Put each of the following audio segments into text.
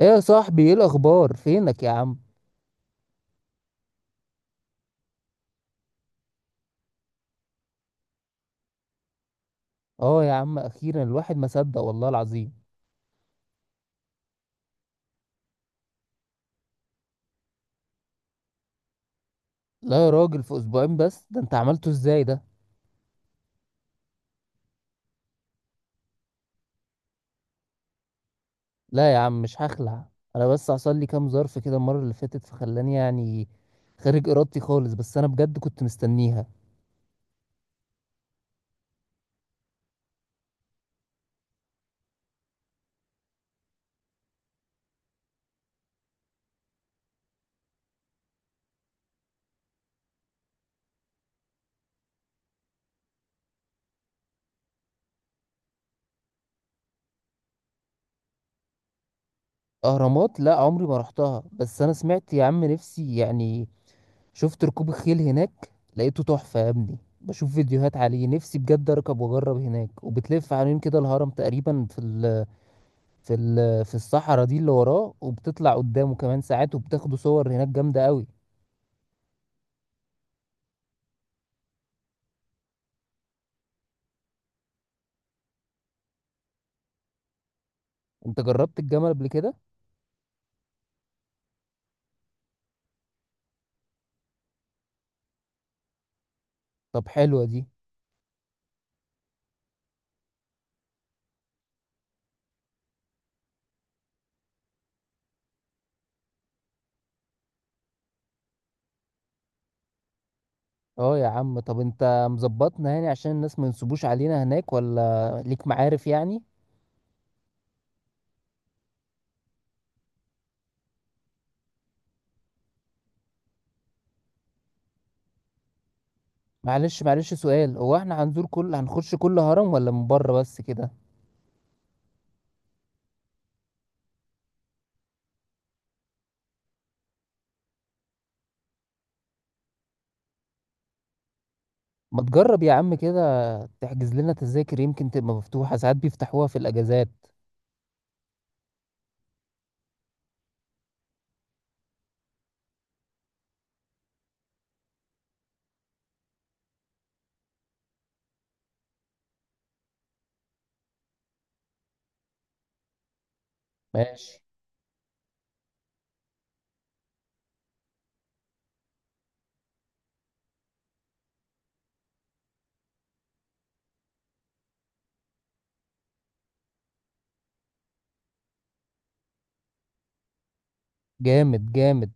ايه يا صاحبي، ايه الاخبار؟ فينك يا عم؟ اه يا عم، اخيرا الواحد ما صدق، والله العظيم. لا يا راجل، في اسبوعين بس؟ ده انت عملته ازاي ده؟ لا يا عم، مش هخلع. انا بس حصل لي كام ظرف كده المره اللي فاتت، فخلاني يعني خارج ارادتي خالص. بس انا بجد كنت مستنيها. اهرامات، لا، عمري ما رحتها، بس انا سمعت يا عم. نفسي يعني، شفت ركوب الخيل هناك، لقيته تحفه يا ابني. بشوف فيديوهات عليه، نفسي بجد اركب واجرب هناك، وبتلف حوالين كده الهرم تقريبا في في الصحراء دي اللي وراه، وبتطلع قدامه كمان ساعات، وبتاخدوا صور هناك جامدة قوي. انت جربت الجمل قبل كده؟ طب حلوة دي. اه يا عم. طب انت مظبطنا يعني عشان الناس ما ينصبوش علينا هناك؟ ولا ليك معارف يعني؟ معلش معلش، سؤال، هو احنا هنزور كل هنخش كل هرم ولا من بره بس كده؟ ما تجرب يا عم كده، تحجز لنا تذاكر، يمكن تبقى مفتوحة، ساعات بيفتحوها في الأجازات. ماشي. جامد جامد.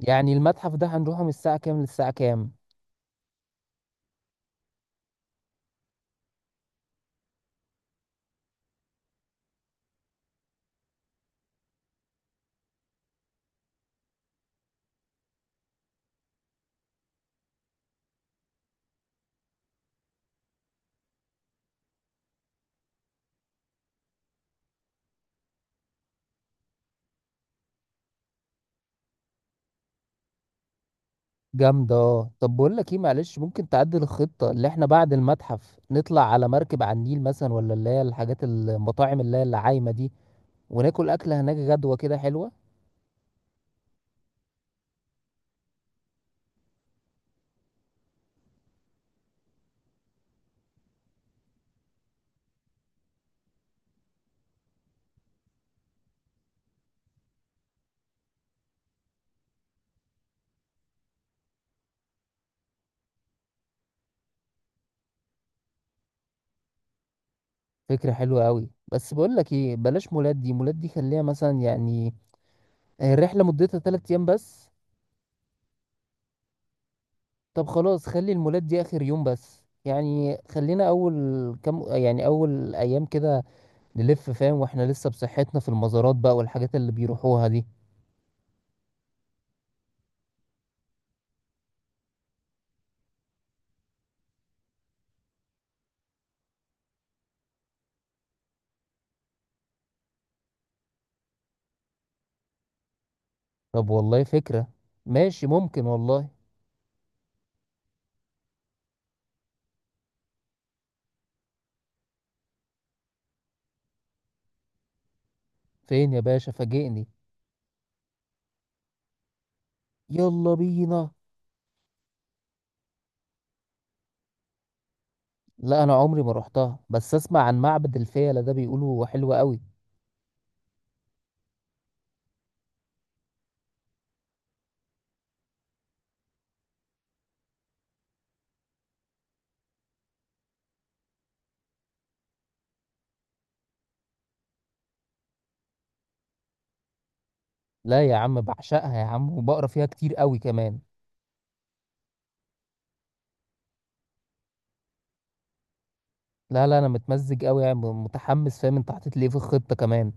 يعني المتحف ده هنروحه من الساعة كام للساعة كام؟ جامدة، اه. طب بقول لك ايه، معلش، ممكن تعدل الخطة؟ اللي احنا بعد المتحف نطلع على مركب على النيل مثلا، ولا اللي هي الحاجات المطاعم اللي هي العايمة دي، وناكل أكلة هناك غدوة كده حلوة. فكرة حلوة قوي. بس بقول لك ايه، بلاش مولات. دي مولات دي خليها مثلا يعني، الرحلة مدتها 3 أيام بس. طب خلاص، خلي المولات دي آخر يوم بس يعني، خلينا أول كم يعني، أول أيام كده نلف، فاهم؟ واحنا لسه بصحتنا في المزارات بقى والحاجات اللي بيروحوها دي. طب والله فكرة. ماشي، ممكن والله. فين يا باشا؟ فاجئني. يلا بينا. لا، انا عمري ما رحتها، بس اسمع عن معبد الفيلة ده، بيقولوا حلو قوي. لا يا عم، بعشقها يا عم، وبقرا فيها كتير قوي كمان. لا لا، انا متمزج قوي يعني، متحمس، فاهم؟ انت حطيت لي إيه في الخطة كمان؟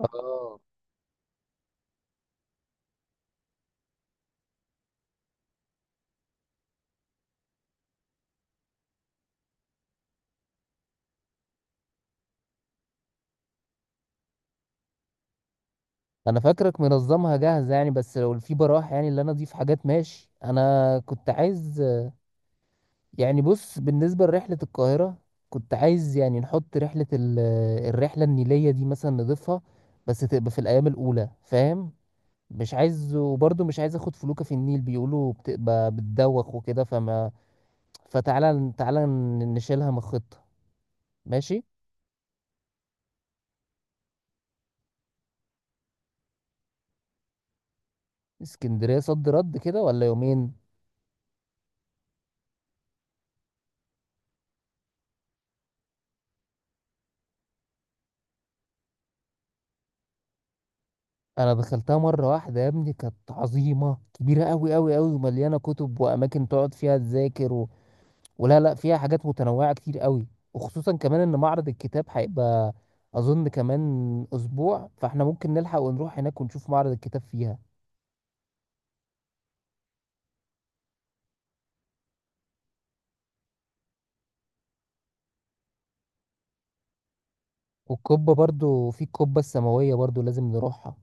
اه. انا فاكرك منظمها جاهزة يعني، بس لو في براح يعني اللي انا اضيف حاجات، ماشي. انا كنت عايز يعني، بص، بالنسبة لرحلة القاهرة، كنت عايز يعني نحط الرحلة النيلية دي مثلا نضيفها، بس تبقى في الأيام الأولى، فاهم؟ مش عايز، وبرضه مش عايز أخد فلوكة في النيل، بيقولوا بتبقى بتدوخ وكده، فما فتعالى تعالى نشيلها من الخطة. ماشي. اسكندرية، صد رد كده ولا يومين؟ أنا دخلتها مرة واحدة يا ابني، كانت عظيمة كبيرة أوي أوي أوي، ومليانة كتب وأماكن تقعد فيها، تذاكر ولا لا، فيها حاجات متنوعة كتير قوي. وخصوصا كمان ان معرض الكتاب هيبقى، اظن، كمان اسبوع، فاحنا ممكن نلحق ونروح هناك ونشوف معرض الكتاب فيها. والقبة برضو، في القبة السماوية برضو لازم نروحها.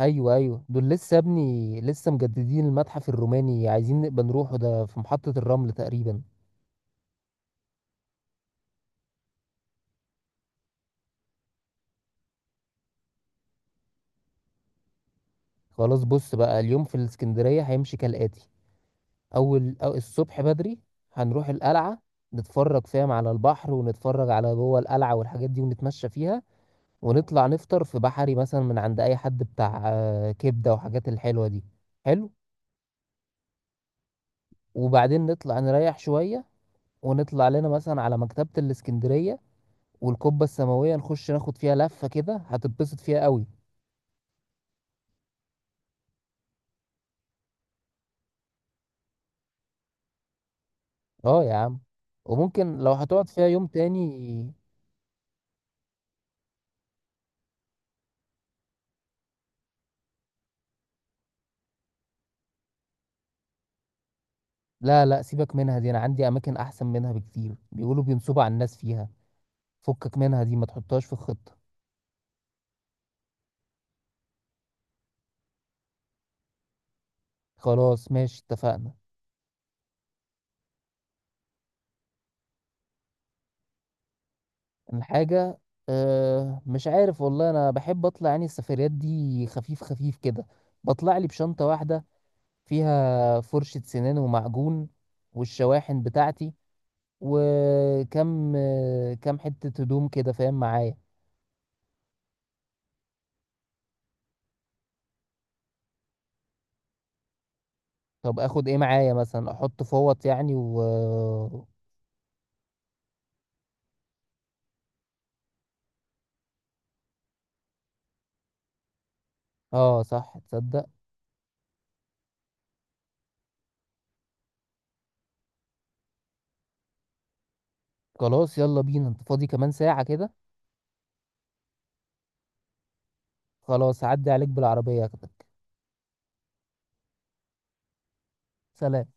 ايوه ايوه، دول لسه يا ابني، لسه مجددين المتحف الروماني، عايزين نبقى نروحه، ده في محطة الرمل تقريبا. خلاص، بص بقى، اليوم في الاسكندرية هيمشي كالآتي: اول، أو الصبح بدري، هنروح القلعة، نتفرج، فاهم، على البحر، ونتفرج على جوه القلعة والحاجات دي، ونتمشى فيها. ونطلع نفطر في بحري مثلا، من عند اي حد بتاع كبده وحاجات الحلوه دي. حلو. وبعدين نطلع نريح شويه. ونطلع لنا مثلا على مكتبه الاسكندريه والقبه السماويه، نخش ناخد فيها لفه كده، هتتبسط فيها قوي. اه يا عم. وممكن لو هتقعد فيها يوم تاني. لا لا، سيبك منها دي، انا عندي اماكن احسن منها بكتير، بيقولوا بينصبوا على الناس فيها، فكك منها دي، ما تحطهاش في الخطه. خلاص، ماشي، اتفقنا. الحاجة، أه، مش عارف والله، أنا بحب أطلع يعني السفريات دي خفيف خفيف كده. بطلع لي بشنطة واحدة، فيها فرشة سنان ومعجون، والشواحن بتاعتي، وكم آه، كم حتة هدوم كده، فاهم معايا؟ طب أخد إيه معايا مثلا؟ أحط فوط يعني، و صح، تصدق؟ خلاص، يلا بينا. أنت فاضي كمان ساعة كده؟ خلاص، هعدي عليك بالعربية أخدك. سلام.